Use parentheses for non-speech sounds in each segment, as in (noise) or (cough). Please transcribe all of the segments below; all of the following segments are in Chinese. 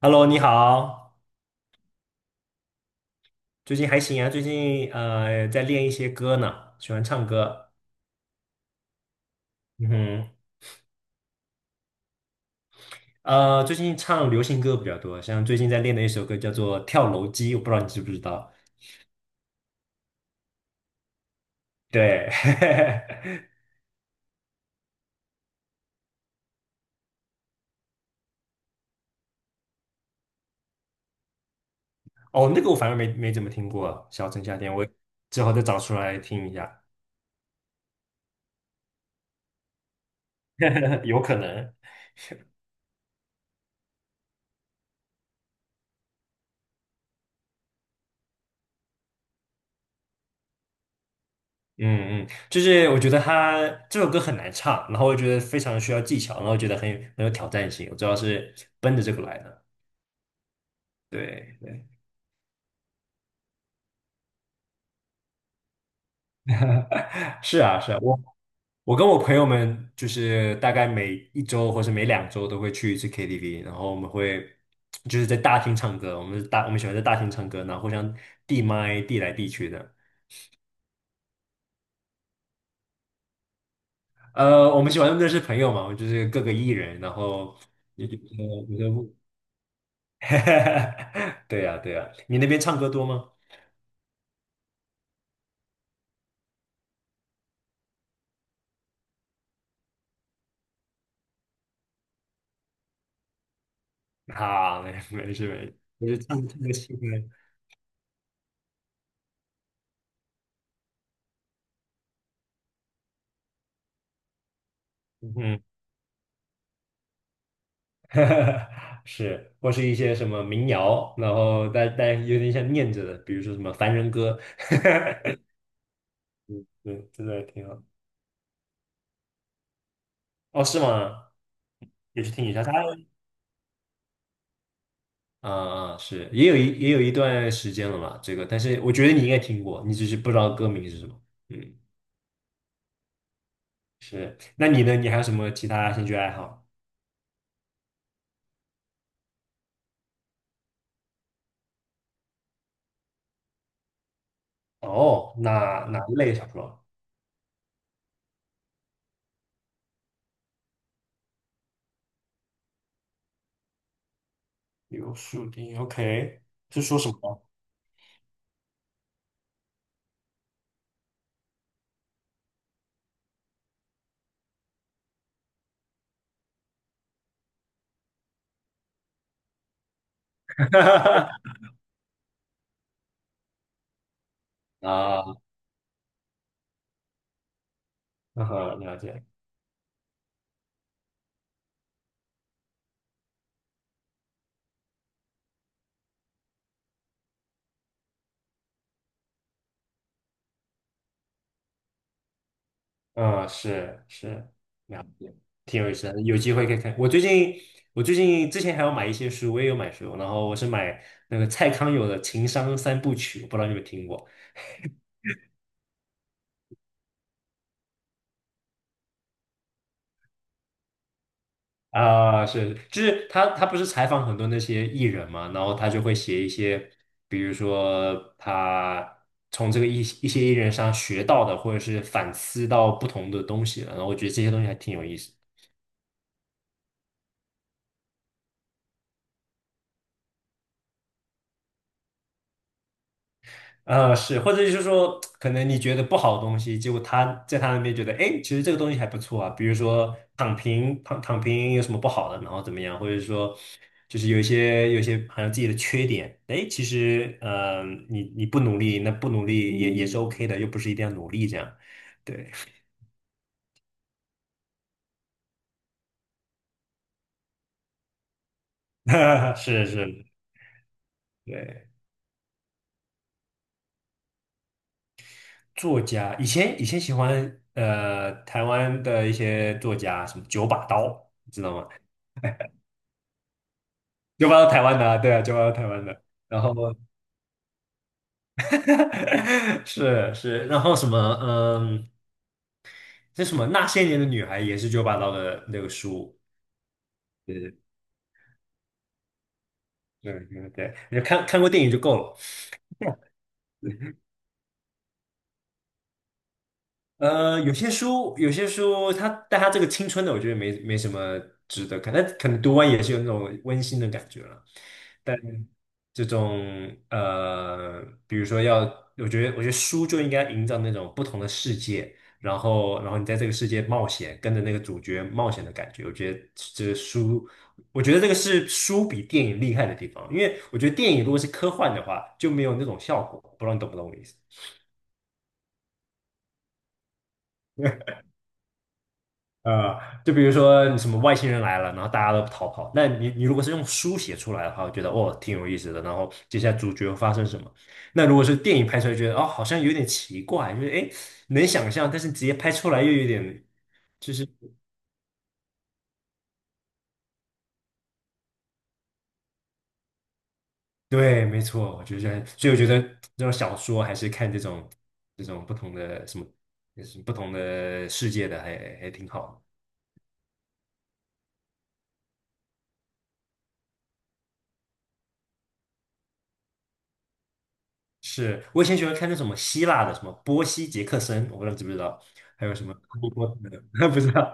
Hello，你好，最近还行啊，最近在练一些歌呢，喜欢唱歌。嗯哼。最近唱流行歌比较多，像最近在练的一首歌叫做《跳楼机》，我不知道你知不知道。对。(laughs) 哦，那个我反而没怎么听过，《小城夏天》，我之后再找出来听一下。(laughs) 有可能。嗯嗯，就是我觉得他这首歌很难唱，然后我觉得非常需要技巧，然后觉得很有挑战性，我主要是奔着这个来的。对对。(laughs) 是啊是啊，我。我跟我朋友们就是大概每一周或是每两周都会去一次 KTV，然后我们会就是在大厅唱歌，我们喜欢在大厅唱歌，然后互相递麦递来递去的。呃，我们喜欢认识朋友嘛，就是各个艺人，然后也就有的。 (laughs) 对呀对呀，你那边唱歌多吗？(laughs) 啊，没事没事，我就唱唱个戏呗。嗯哼。(laughs) 是，或是一些什么民谣，然后但有点像念着的，比如说什么《凡人歌》。(laughs) 对，真的挺好。哦，是吗？也去听一下他。啊啊，是，也有一段时间了嘛，这个，但是我觉得你应该听过，你只是不知道歌名是什么。嗯，是。那你呢？你还有什么其他兴趣爱好？哦，哪一类小说？有树林，OK，是说什么？(laughs) 啊，嗯哼，了解。嗯，是是，了解，挺有意思的，有机会可以看。我最近之前还有买一些书，我也有买书，然后我是买那个蔡康永的《情商三部曲》，我不知道你有没有听过？啊？是，就是他不是采访很多那些艺人嘛，然后他就会写一些，比如说他从这个一些艺人上学到的，或者是反思到不同的东西了，然后我觉得这些东西还挺有意思的。是，或者就是说，可能你觉得不好的东西，结果他在他那边觉得，哎，其实这个东西还不错啊。比如说躺平，躺平有什么不好的，然后怎么样，或者说就是有一些好像自己的缺点，哎，其实你不努力，那不努力也是OK 的，又不是一定要努力这样。对。(laughs) 是是，对，作家以前喜欢台湾的一些作家，什么九把刀，你知道吗？就搬到台湾的啊，对啊，就搬到台湾的。然后 (laughs) 是是，然后什么，嗯，那什么《那些年的女孩》也是九把刀的那个书。对对对对，对你看过电影就够了。有些书它，但它这个青春的，我觉得没什么值得看。但可能读完也是有那种温馨的感觉了。但这种比如说要，我觉得书就应该营造那种不同的世界，然后你在这个世界冒险，跟着那个主角冒险的感觉。这个书，我觉得这个是书比电影厉害的地方，因为我觉得电影如果是科幻的话，就没有那种效果。不知道你懂不懂我的意思？呃，就比如说你什么外星人来了，然后大家都逃跑。那你如果是用书写出来的话，我觉得哦挺有意思的。然后接下来主角会发生什么？那如果是电影拍出来，觉得哦好像有点奇怪，就是诶能想象，但是直接拍出来又有点，就是对，没错，我觉得，所以我觉得这种小说还是看这种不同的什么，就是不同的世界的还挺好的。是，我以前喜欢看那什么希腊的，什么波西·杰克森，我不知道你知不知道。还有什么波斯的。(laughs) 不知道。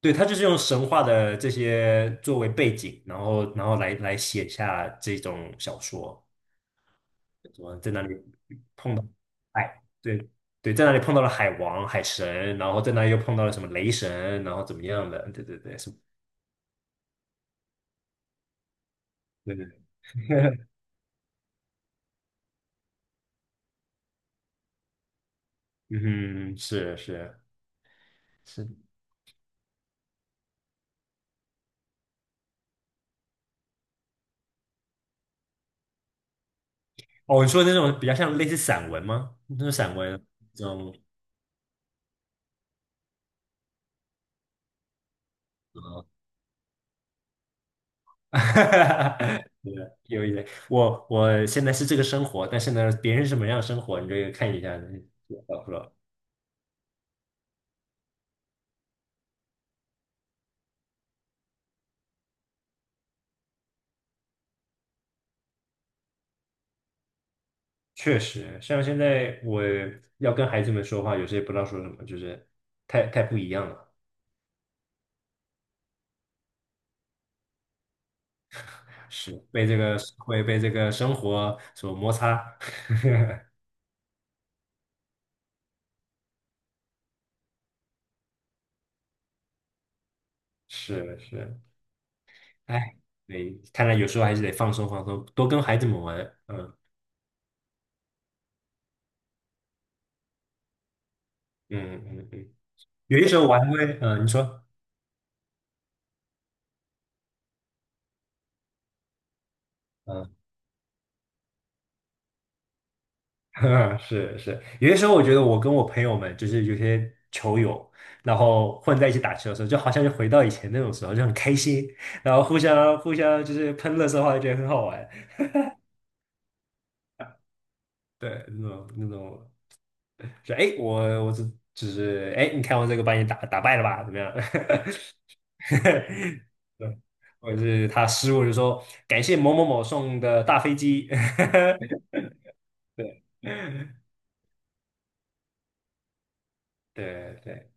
对，他就是用神话的这些作为背景，然后来写下这种小说，什么在哪里哎，对对，在哪里碰到了海王、海神，然后在那里又碰到了什么雷神，然后怎么样的？对对对，什么对对对。(laughs) 嗯哼，是是是，哦，你说那种比较像类似散文吗？那种散文这种。呃 (laughs) 哈哈哈，(laughs) 是有一点，我现在是这个生活，但是呢，别人是什么样的生活，你这个看一下，不知道。确实，像现在我要跟孩子们说话，有时也不知道说什么，就是太不一样了，是被这个社会、被这个生活所摩擦。(laughs) 是是，哎，对，看来有时候还是得放松放松，多跟孩子们玩。嗯嗯嗯嗯嗯。有些时候我还会，你说。(laughs) 是是，有些时候我觉得我跟我朋友们就是有些球友，然后混在一起打球的时候，就好像就回到以前那种时候，就很开心，然后互相就是喷乐色话，就觉得很好玩。对，那种那种，就哎，诶我只是哎，诶你看我这个把你打败了吧？怎么样？(laughs) 对，或者是他失误就说感谢某某某送的大飞机。(laughs) 对对对。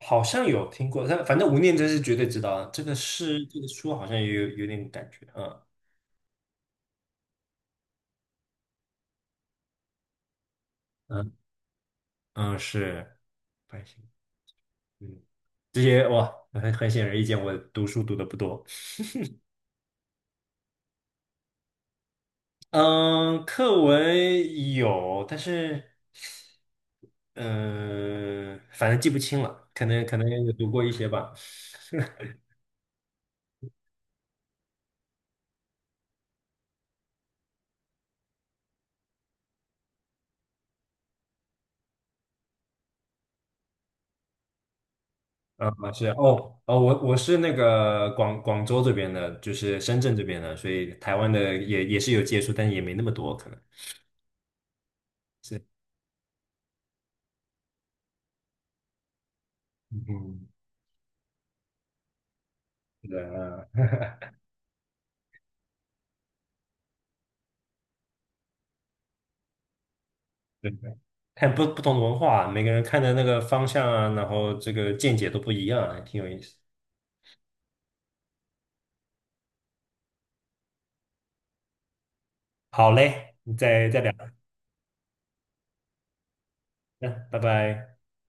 好像有听过，但反正吴念真是绝对知道的，这个是这个书好像也有点感觉。嗯嗯嗯，是，还行。嗯，这些哇，很显而易见，我读书读的不多。嗯，课文有，但是反正记不清了，可能有读过一些吧。老是哦哦，我是那个广州这边的，就是深圳这边的，所以台湾的也是有接触，但也没那么多，可能。是。嗯，是的，啊。(laughs) 对嗯对，看不同的文化啊，每个人看的那个方向啊，然后这个见解都不一样啊，还挺有意思。好嘞，再聊，嗯，拜拜。